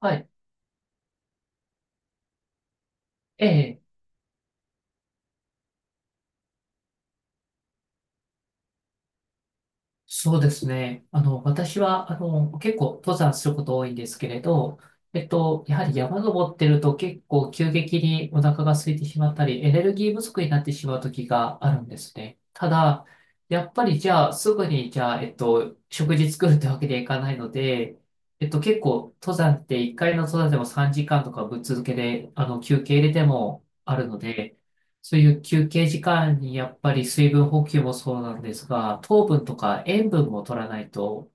はい。ええ、そうですね。私は、結構登山すること多いんですけれど、やはり山登ってると結構急激にお腹が空いてしまったり、エネルギー不足になってしまう時があるんですね。ただ、やっぱりじゃあ、すぐに、じゃあ、えっと、食事作るってわけにはいかないので、結構、登山って1回の登山でも3時間とかぶっ続けで、休憩入れてもあるので、そういう休憩時間にやっぱり水分補給もそうなんですが、糖分とか塩分も取らないと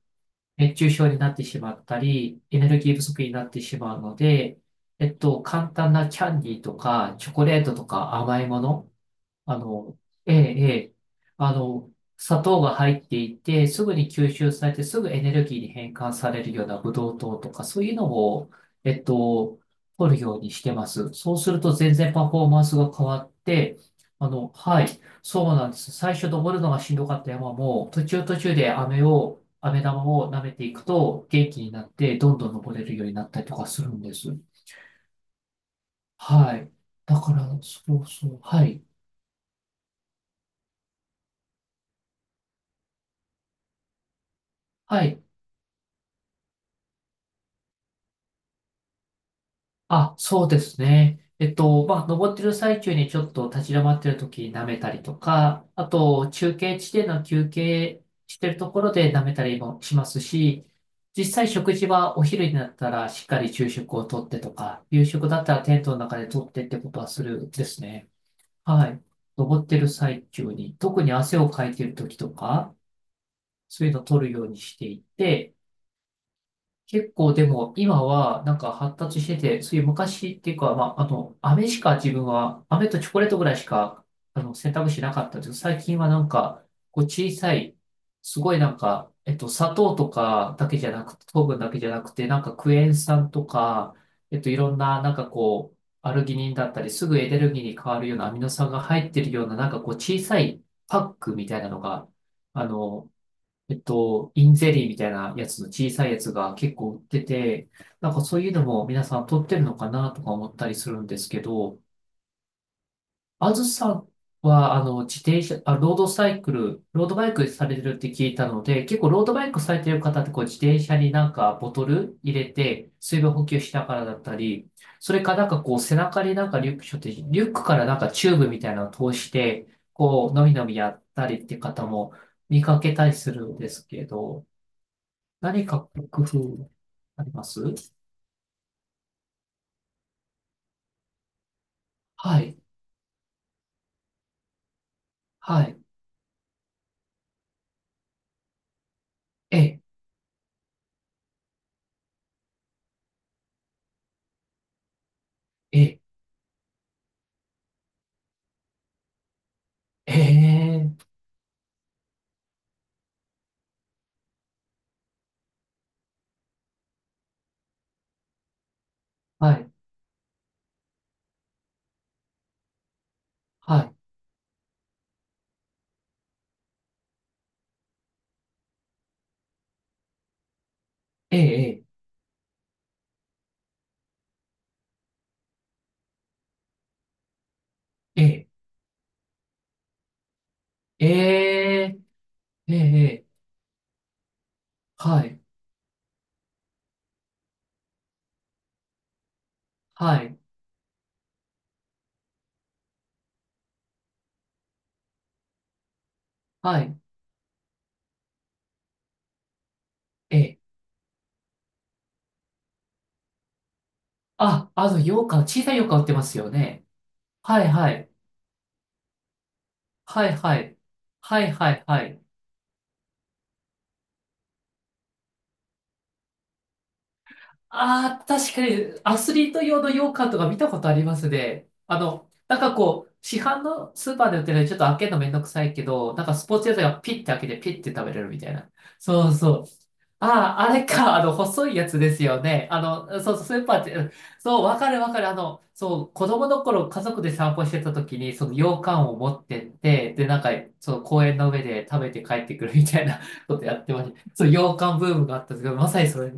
熱中症になってしまったり、エネルギー不足になってしまうので、簡単なキャンディーとかチョコレートとか甘いもの、あの、ええ、ええ、あの、砂糖が入っていて、すぐに吸収されて、すぐエネルギーに変換されるようなブドウ糖とか、そういうのを、えっと、取るようにしてます。そうすると全然パフォーマンスが変わって、はい、そうなんです。最初登るのがしんどかった山も、途中途中で飴玉を舐めていくと元気になって、どんどん登れるようになったりとかするんです。はい。だから、そうそう、はい。はい。あ、そうですね。まあ、登ってる最中にちょっと立ち止まってる時に舐めたりとか、あと、中継地点の休憩してるところで舐めたりもしますし、実際食事はお昼になったらしっかり昼食をとってとか、夕食だったらテントの中でとってってことはするですね。はい。登ってる最中に、特に汗をかいてる時とか、そういうのを取るようにしていて、結構でも今はなんか発達してて、そういう昔っていうか、まあ、飴しか自分は、飴とチョコレートぐらいしか、選択肢なかったんですけど、最近はなんか、こう小さい、すごいなんか、砂糖とかだけじゃなくて、糖分だけじゃなくて、なんかクエン酸とか、いろんな、なんかこう、アルギニンだったり、すぐエネルギーに変わるようなアミノ酸が入ってるような、なんかこう、小さいパックみたいなのが、あの、インゼリーみたいなやつの小さいやつが結構売ってて、なんかそういうのも皆さん取ってるのかなとか思ったりするんですけど、あずさんは、自転車、あ、ロードサイクル、ロードバイクされてるって聞いたので、結構ロードバイクされてる方ってこう自転車になんかボトル入れて水分補給しながらだったり、それかなんかこう背中になんかリュック背負って、リュックからなんかチューブみたいなのを通して、こう、のみのみやったりって方も見かけたりするんですけど、何か工夫あります？はい、はい、え、え、ええ、はい、はい、え、え、え、え、え、え、え、はい、はい、はい、え、あ、羊羹、小さい羊羹売ってますよね。はい、はい、はい、はい、はい、はい、はい、ああ、確かにアスリート用の羊羹とか見たことありますね。なんかこう、市販のスーパーで売ってるのにちょっと開けるのめんどくさいけど、なんかスポーツ屋さがピッて開けてピッて食べれるみたいな。そうそう。ああ、あれか、細いやつですよね。そうそう、スーパーって、うん、そう、わかるわかる。そう、子供の頃家族で散歩してた時に、その羊羹を持ってって、で、なんか、その公園の上で食べて帰ってくるみたいなことやってました。そう、羊羹ブームがあったんですけど、まさにそれ。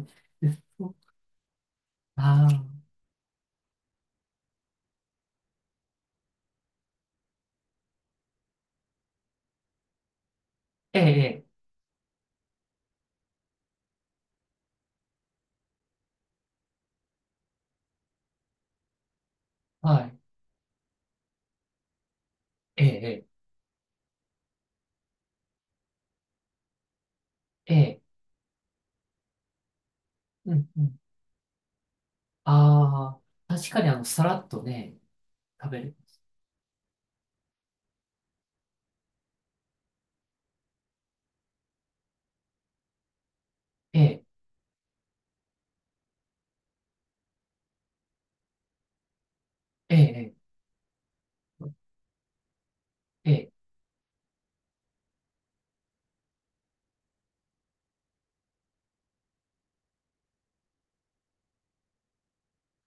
ああ、ええ、ええ、はい、ええ、ええ、ええ、うん、うん。ああ、確かにさらっとね、食べる。ええ、ええ、ええ、ええ、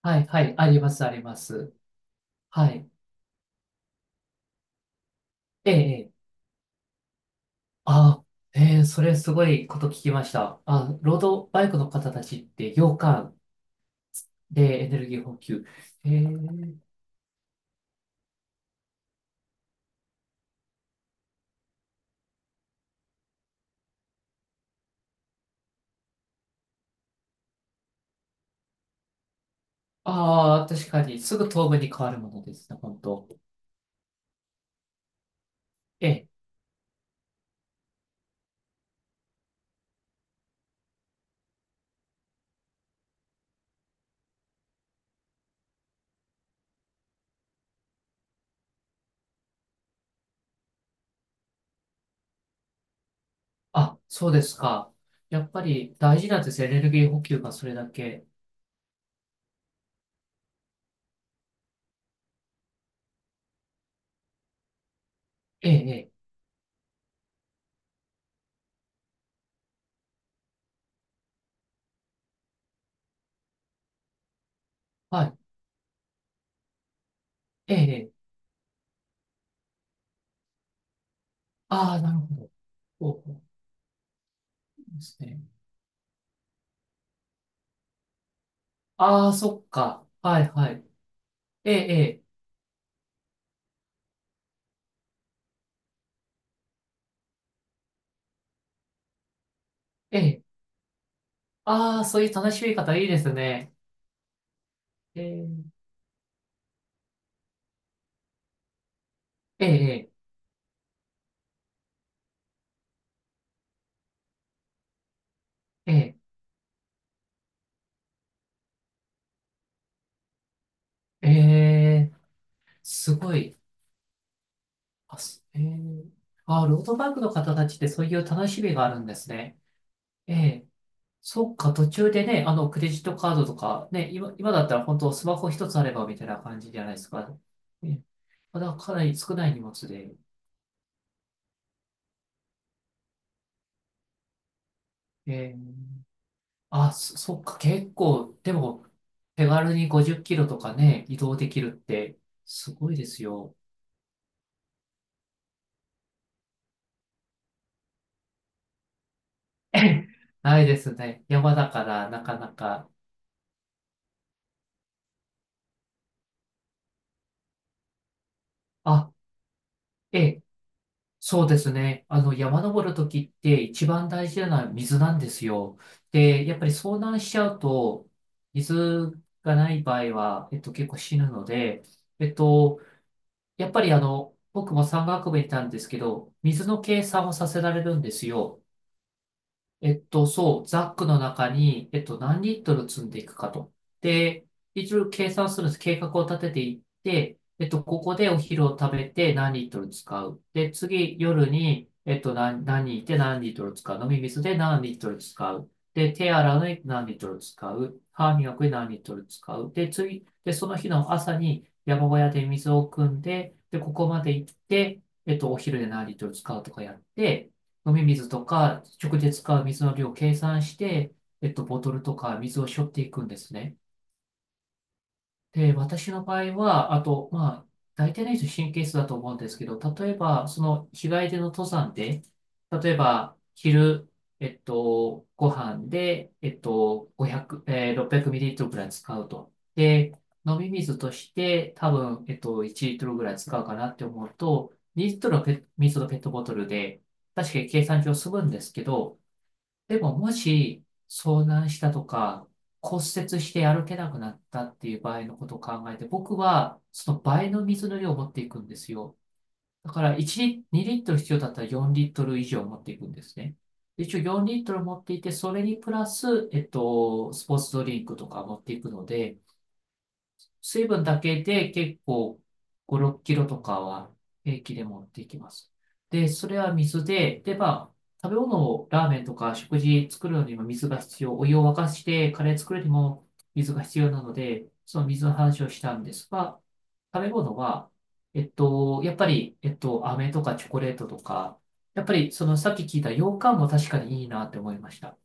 はい、はい、あります、あります。はい、ええ、ええ、ああ、ええ、それすごいこと聞きました。あ、ロードバイクの方たちって羊羹でエネルギー補給。ええ、ああ、確かに、すぐ糖分に変わるものですね、本当。ええ、あ、そうですか。やっぱり大事なんですよ、エネルギー補給がそれだけ。ええ、ええ、はい。ええ。ああ、なるほど。そうそうですね。ああ、そっか。はいはい。ええ、ええ、ええ。ああ、そういう楽しみ方いいですね。ええ、ええ、ええ、ええ。すごい。あ、すええ。ああ、ロードバイクの方たちってそういう楽しみがあるんですね。ええ。そっか、途中でね、クレジットカードとか、ね、今、今だったら本当スマホ一つあればみたいな感じじゃないですか。ええ、まだかなり少ない荷物で。ええ。あ、そっか、結構、でも、手軽に50キロとかね、移動できるって、すごいですよ。え、ないですね。山だから、なかなか。あ、ええ、そうですね。山登るときって一番大事なのは水なんですよ。で、やっぱり遭難しちゃうと、水がない場合は、結構死ぬので、えっと、やっぱり僕も山岳部にいたんですけど、水の計算をさせられるんですよ。そう、ザックの中に、何リットル積んでいくかと。で、一応計算するんです。計画を立てていって、ここでお昼を食べて何リットル使う。で、次、夜に、何いて何リットル使う。飲み水で何リットル使う。で、手洗うのに何リットル使う。歯磨くに何リットル使う。で、次、で、その日の朝に山小屋で水を汲んで、で、ここまで行って、お昼で何リットル使うとかやって、飲み水とか、直で使う水の量を計算して、ボトルとか水を背負っていくんですね。で、私の場合は、あと、まあ、大体の人神経質だと思うんですけど、例えば、その日帰りでの登山で、例えば、昼、ご飯で、500、えー、600ml ぐらい使うと。で、飲み水として多分、1リットルぐらい使うかなって思うと、2リットルのペ水のペットボトルで、確かに計算上済むんですけど、でも、もし、遭難したとか、骨折して歩けなくなったっていう場合のことを考えて、僕は、その倍の水の量を持っていくんですよ。だから、1リ、2リットル必要だったら4リットル以上持っていくんですね。一応4リットル持っていて、それにプラス、スポーツドリンクとか持っていくので、水分だけで結構5、6キロとかは平気で持っていきます。で、それは水で、で、まあ、食べ物をラーメンとか食事作るのにも水が必要、お湯を沸かしてカレー作るにも水が必要なので、その水の話をしたんですが、食べ物は、やっぱり、飴とかチョコレートとか、やっぱりそのさっき聞いた羊羹も確かにいいなって思いました。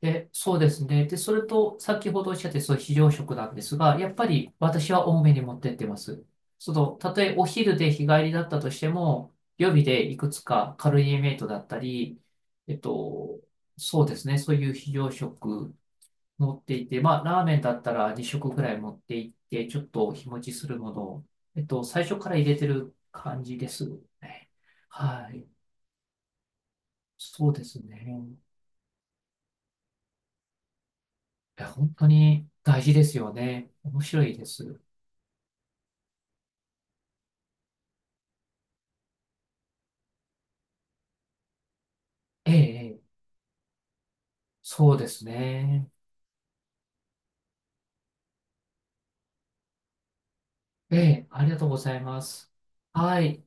で、そうですね。で、それと、先ほどおっしゃって、そう、非常食なんですが、やっぱり私は多めに持ってってます。その、たとえお昼で日帰りだったとしても、予備でいくつかカロリーメイトだったり、えっと、そうですね。そういう非常食持っていて、まあ、ラーメンだったら2食ぐらい持っていって、ちょっと日持ちするものを、最初から入れてる感じですね。はい。そうですね。や、本当に大事ですよね。面白いです。ええ、ええ、そうですね。ええ、ありがとうございます。はい。